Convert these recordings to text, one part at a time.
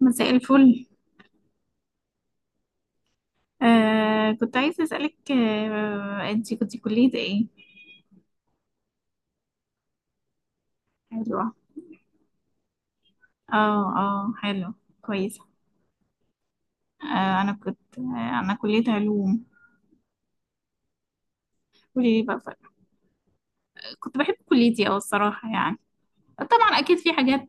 مساء الفل. كنت عايزة أسألك أنتي كنت كلية إيه؟ حلوة. اه، اه، حلو. كويسة. آه أنا كنت آه أنا كلية علوم. قولي لي بقى. كنت بحب كليتي أوي، الصراحة يعني. طبعا أكيد في حاجات.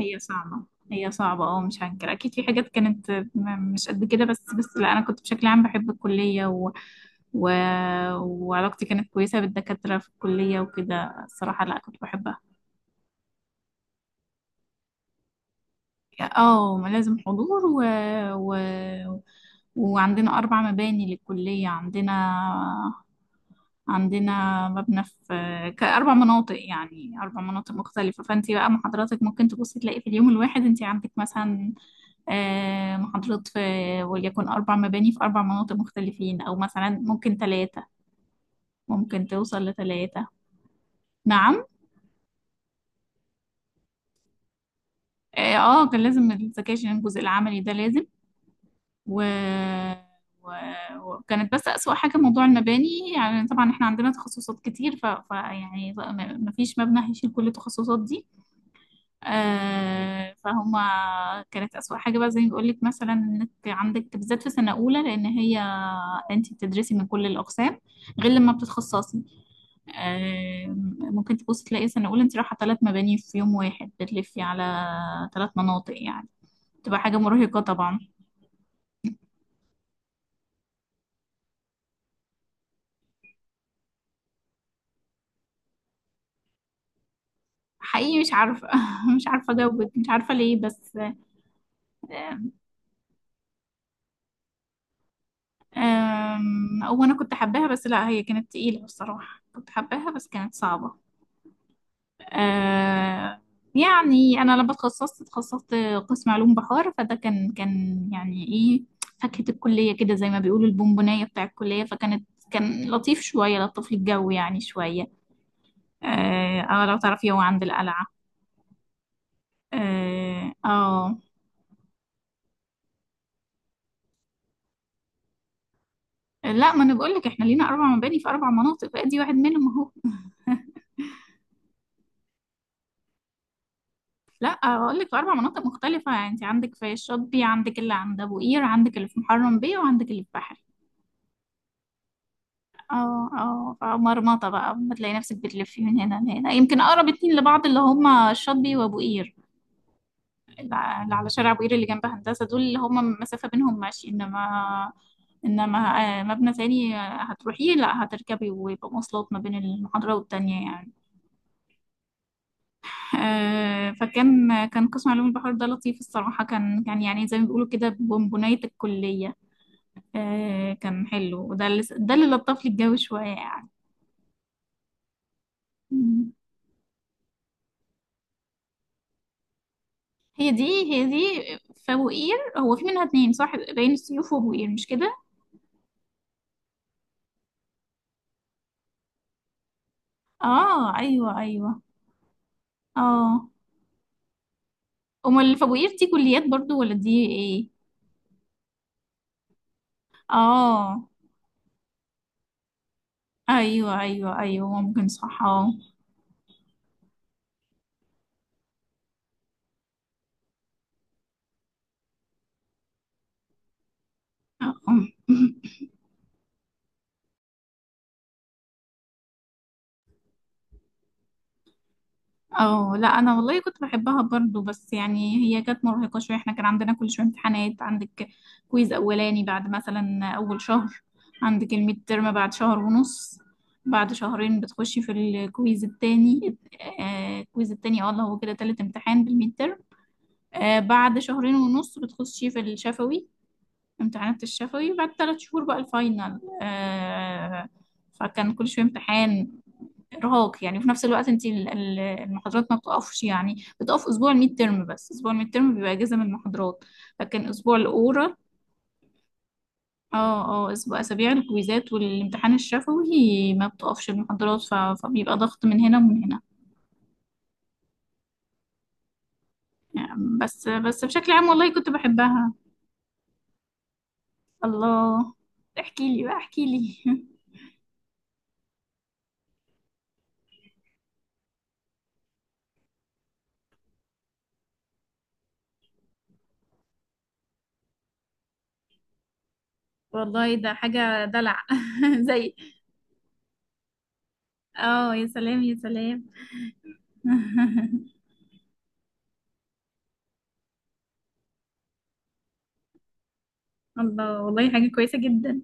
هي صعبة. هي صعبة، مش هنكر، أكيد في حاجات كانت مش قد كده، بس لا أنا كنت بشكل عام بحب الكلية و... وعلاقتي كانت كويسة بالدكاترة في الكلية وكده، الصراحة لا كنت بحبها. اه، ما لازم حضور و... وعندنا 4 مباني للكلية. عندنا عندنا مبنى في كأربع مناطق يعني، أربع مناطق مختلفة، فأنت بقى محاضراتك ممكن تبصي تلاقي في اليوم الواحد أنت عندك مثلا آه، محاضرات في وليكن أربع مباني في أربع مناطق مختلفين، أو مثلا ممكن توصل لثلاثة. نعم. اه، كان لازم الذكاء، الجزء العملي ده لازم و... و... وكانت بس أسوأ حاجة موضوع المباني، يعني طبعا احنا عندنا تخصصات كتير، يعني ما فيش مبنى هيشيل كل التخصصات دي. آه، فهم. كانت أسوأ حاجة بقى، زي ما بقول لك، مثلا انك عندك بالذات في سنة أولى، لأن هي انت بتدرسي من كل الأقسام غير لما بتتخصصي. آه، ممكن تبص تلاقي سنة أولى انت رايحة 3 مباني في يوم واحد، بتلفي على 3 مناطق يعني، تبقى حاجة مرهقة طبعا. حقيقي مش عارفة مش عارفة أجاوبك، مش عارفة ليه بس. هو أنا كنت حباها بس لا، هي كانت تقيلة، بصراحة كنت حباها بس كانت صعبة. أه، يعني أنا لما اتخصصت، اتخصصت قسم علوم بحار، فده كان يعني إيه، فاكهة الكلية كده، زي ما بيقولوا البونبوناية بتاع الكلية، كان لطيف شوية، لطف لي الجو يعني شوية. اه، لو تعرفي هو عند القلعة. اه، آه. لا، ما انا بقول لك احنا لينا اربع مباني في اربع مناطق، بقى دي واحد منهم اهو. لا، اقول لك في اربع مناطق مختلفه، يعني انت عندك في الشاطبي، عندك اللي عند ابو قير، عندك اللي في محرم بيه، وعندك اللي في بحري. اه، اه، فمرمطه بقى، بتلاقي نفسك بتلفي من هنا لهنا، يمكن اقرب اتنين لبعض اللي هما الشاطبي وابو قير. اللي على شارع ابو قير اللي جنب هندسه، دول اللي هما مسافه بينهم ماشي، انما انما آه، مبنى تاني هتروحيه لا هتركبي، ويبقى مواصلات ما بين المحاضره والتانيه يعني. فكان قسم علوم البحر ده لطيف الصراحه، كان يعني زي ما بيقولوا كده بونبونايه الكليه. كان حلو، وده اللي لطف لي الجو شوية يعني. مم. هي دي. هي دي. فوقير هو في منها اتنين صح، بين السيوف وبوقير، مش كده؟ اه، ايوه، ايوه. اه، امال الفوقير دي كليات برضو ولا دي ايه؟ اه، ايوه، ايوه، ايوه، ممكن صح، اه. آه. اه. لا، انا والله كنت بحبها برضو، بس يعني هي كانت مرهقه شويه، احنا كان عندنا كل شويه امتحانات. عندك كويز اولاني بعد مثلا اول شهر، عندك الميد ترم بعد شهر ونص. بعد شهرين بتخشي في الكويز التاني. الكويز التاني اللي هو كده تالت امتحان بالميد ترم. بعد شهرين ونص بتخشي في الشفوي. امتحانات الشفوي. بعد 3 شهور بقى الفاينل. فكان كل شوية امتحان، ارهاق يعني. في نفس الوقت انت المحاضرات ما بتقفش، يعني بتقف اسبوع الميد ترم بس، اسبوع الميد ترم بيبقى اجازه من المحاضرات. لكن اسبوع الاورال، اه اسابيع الكويزات والامتحان الشفوي ما بتقفش المحاضرات، فبيبقى ضغط من هنا ومن هنا يعني. بس بشكل عام والله كنت بحبها. الله، احكي لي بقى، احكي لي والله ده حاجة دلع زي اه، يا سلام، يا سلام. الله، والله حاجة كويسة جدا.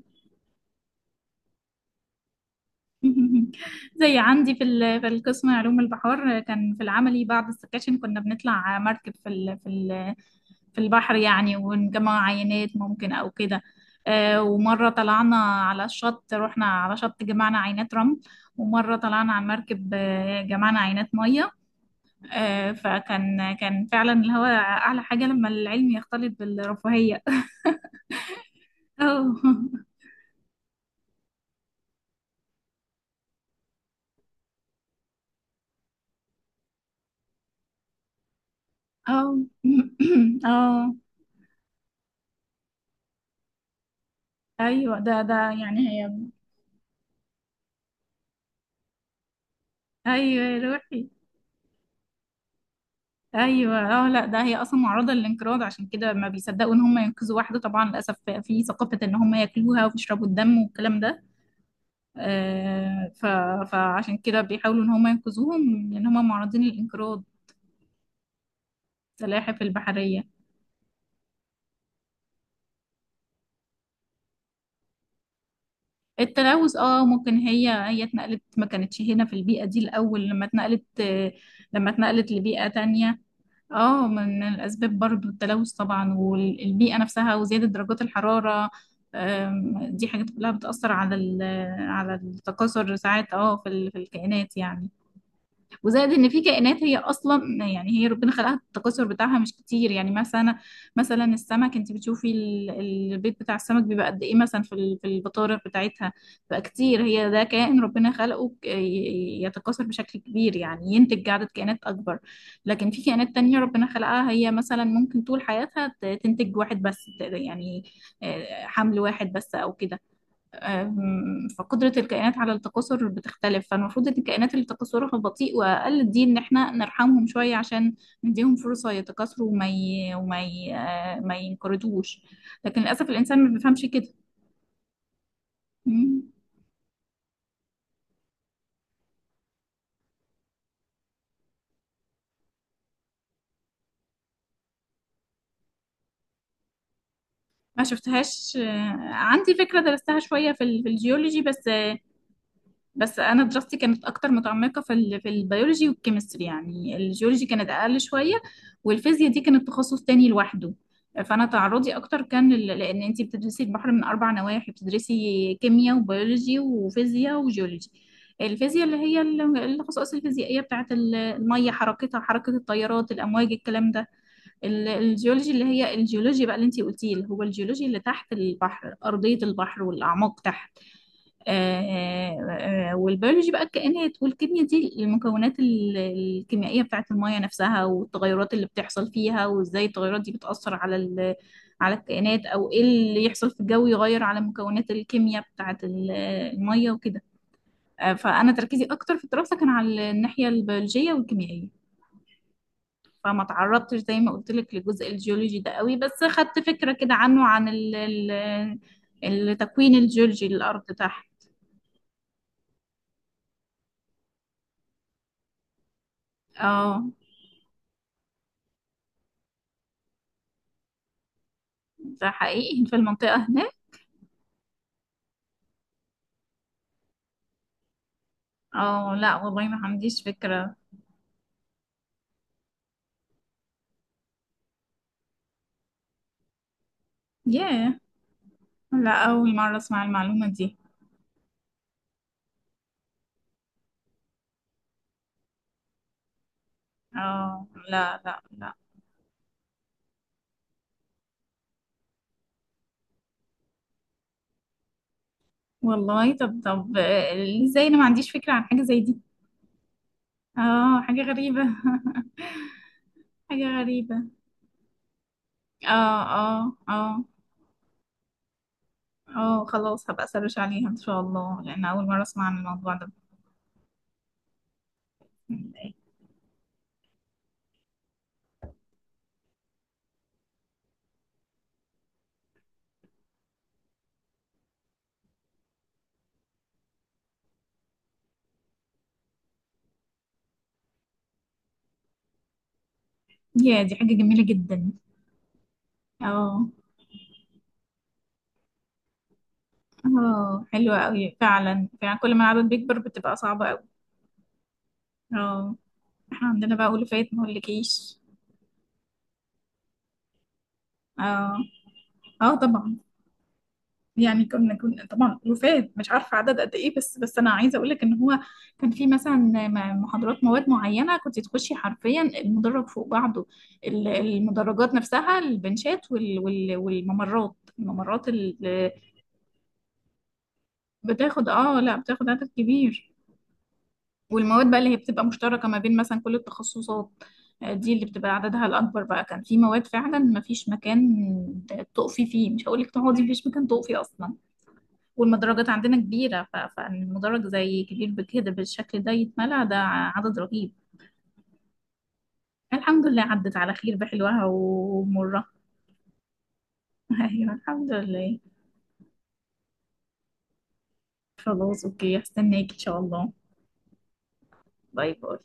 زي عندي في القسم علوم البحار، كان في العملي بعد السكاشن كنا بنطلع مركب في البحر يعني، ونجمع عينات ممكن او كده. ومرة طلعنا على الشط، رحنا على شط جمعنا عينات رمل. ومرة طلعنا على المركب، جمعنا عينات مية. فكان فعلا اللي هو أعلى حاجة لما العلم يختلط بالرفاهية. اه، اه. اه، ايوه ده يعني هي. ايوه يا روحي، ايوه. اه، لا ده هي اصلا معرضه للانقراض، عشان كده ما بيصدقوا ان هم ينقذوا واحده، طبعا للاسف. في ثقافه ان هم ياكلوها ويشربوا الدم والكلام ده. آه ف فعشان كده بيحاولوا ان هم ينقذوهم لان هم معرضين للانقراض. السلاحف البحريه. التلوث، ممكن هي اتنقلت، ما كانتش هنا في البيئه دي الاول، لما اتنقلت لبيئه تانية. اه، من الأسباب برضو التلوث طبعا، والبيئة نفسها، وزيادة درجات الحرارة. دي حاجات كلها بتأثر على التكاثر ساعات، في الكائنات يعني. وزائد ان في كائنات هي اصلا يعني هي ربنا خلقها، التكاثر بتاعها مش كتير يعني، مثلا السمك انت بتشوفي البيض بتاع السمك بيبقى قد ايه، مثلا في البطارخ بتاعتها بقى كتير، هي ده كائن ربنا خلقه يتكاثر بشكل كبير، يعني ينتج عدد كائنات اكبر. لكن في كائنات تانية ربنا خلقها هي، مثلا ممكن طول حياتها تنتج واحد بس، يعني حمل واحد بس او كده. فقدرة الكائنات على التكاثر بتختلف، فالمفروض ان الكائنات اللي تكاثرها بطيء وأقل دي ان احنا نرحمهم شوية، عشان نديهم فرصة يتكاثروا وما ي... وما ي... آه، ما ينقرضوش. لكن للأسف الإنسان ما بيفهمش كده. مم. ما شفتهاش. عندي فكرة درستها شوية في الجيولوجي بس. بس انا دراستي كانت اكتر متعمقه في البيولوجي والكيمستري، يعني الجيولوجي كانت اقل شويه، والفيزياء دي كانت تخصص تاني لوحده. فانا تعرضي اكتر كان لان انت بتدرسي البحر من 4 نواحي، بتدرسي كيمياء، وبيولوجي، وفيزياء، وجيولوجي. الفيزياء اللي هي الخصائص الفيزيائيه بتاعت الميه، حركتها، حركه التيارات، الامواج، الكلام ده. الجيولوجي اللي هي الجيولوجيا بقى اللي انت قلتيه، اللي هو الجيولوجي اللي تحت البحر، ارضيه البحر والاعماق تحت. والبيولوجي بقى الكائنات، والكيمياء دي المكونات الكيميائية بتاعت المية نفسها، والتغيرات اللي بتحصل فيها، وازاي التغيرات دي بتأثر على الكائنات، او ايه اللي يحصل في الجو يغير على مكونات الكيمياء بتاعت المية وكده. فأنا تركيزي أكتر في الدراسة كان على الناحية البيولوجية والكيميائية. فما تعرضتش زي ما قلت لك لجزء الجيولوجي ده قوي، بس خدت فكرة كده عنه، التكوين الجيولوجي للأرض تحت. اه، ده حقيقي في المنطقة هناك. اه، لا والله ما عنديش فكرة. ياه. لا، أول مرة أسمع المعلومة دي. اه، لا، لا، لا. والله، طب، طب، ازاي أنا ما عنديش فكرة عن حاجة زي دي؟ اه، حاجة غريبة. حاجة غريبة. اه، اه، اه. اه، خلاص هبقى أسرش عليها إن شاء الله، لأن أول مرة أسمع عن الموضوع ده. يا دي حاجة جميلة جدا. اه، اه، حلوة أوي. فعلا، فعلا، كل ما العدد بيكبر بتبقى صعبة أوي. اه، احنا عندنا بقى ألوفات ما اقولكيش. اه، اه، طبعا. يعني كنا طبعا ألوفات، مش عارفة عدد قد ايه، بس انا عايزة اقولك ان هو كان في مثلا محاضرات مواد معينة كنت تخشي حرفيا المدرج فوق بعضه، المدرجات نفسها، البنشات، والممرات، اللي بتاخد، لا، بتاخد عدد كبير. والمواد بقى اللي هي بتبقى مشتركة ما بين مثلا كل التخصصات، دي اللي بتبقى عددها الأكبر، بقى كان في مواد فعلا ما فيش مكان تقفي فيه، مش هقولك تقعدي، مفيش مكان تقفي أصلا. والمدرجات عندنا كبيرة فالمدرج زي كبير بكده بالشكل ده، يتملى. ده عدد رهيب. الحمد لله عدت على خير، بحلوها ومرها. أيوة الحمد لله. خلاص، أوكي، هستناك إن شاء الله. باي باي.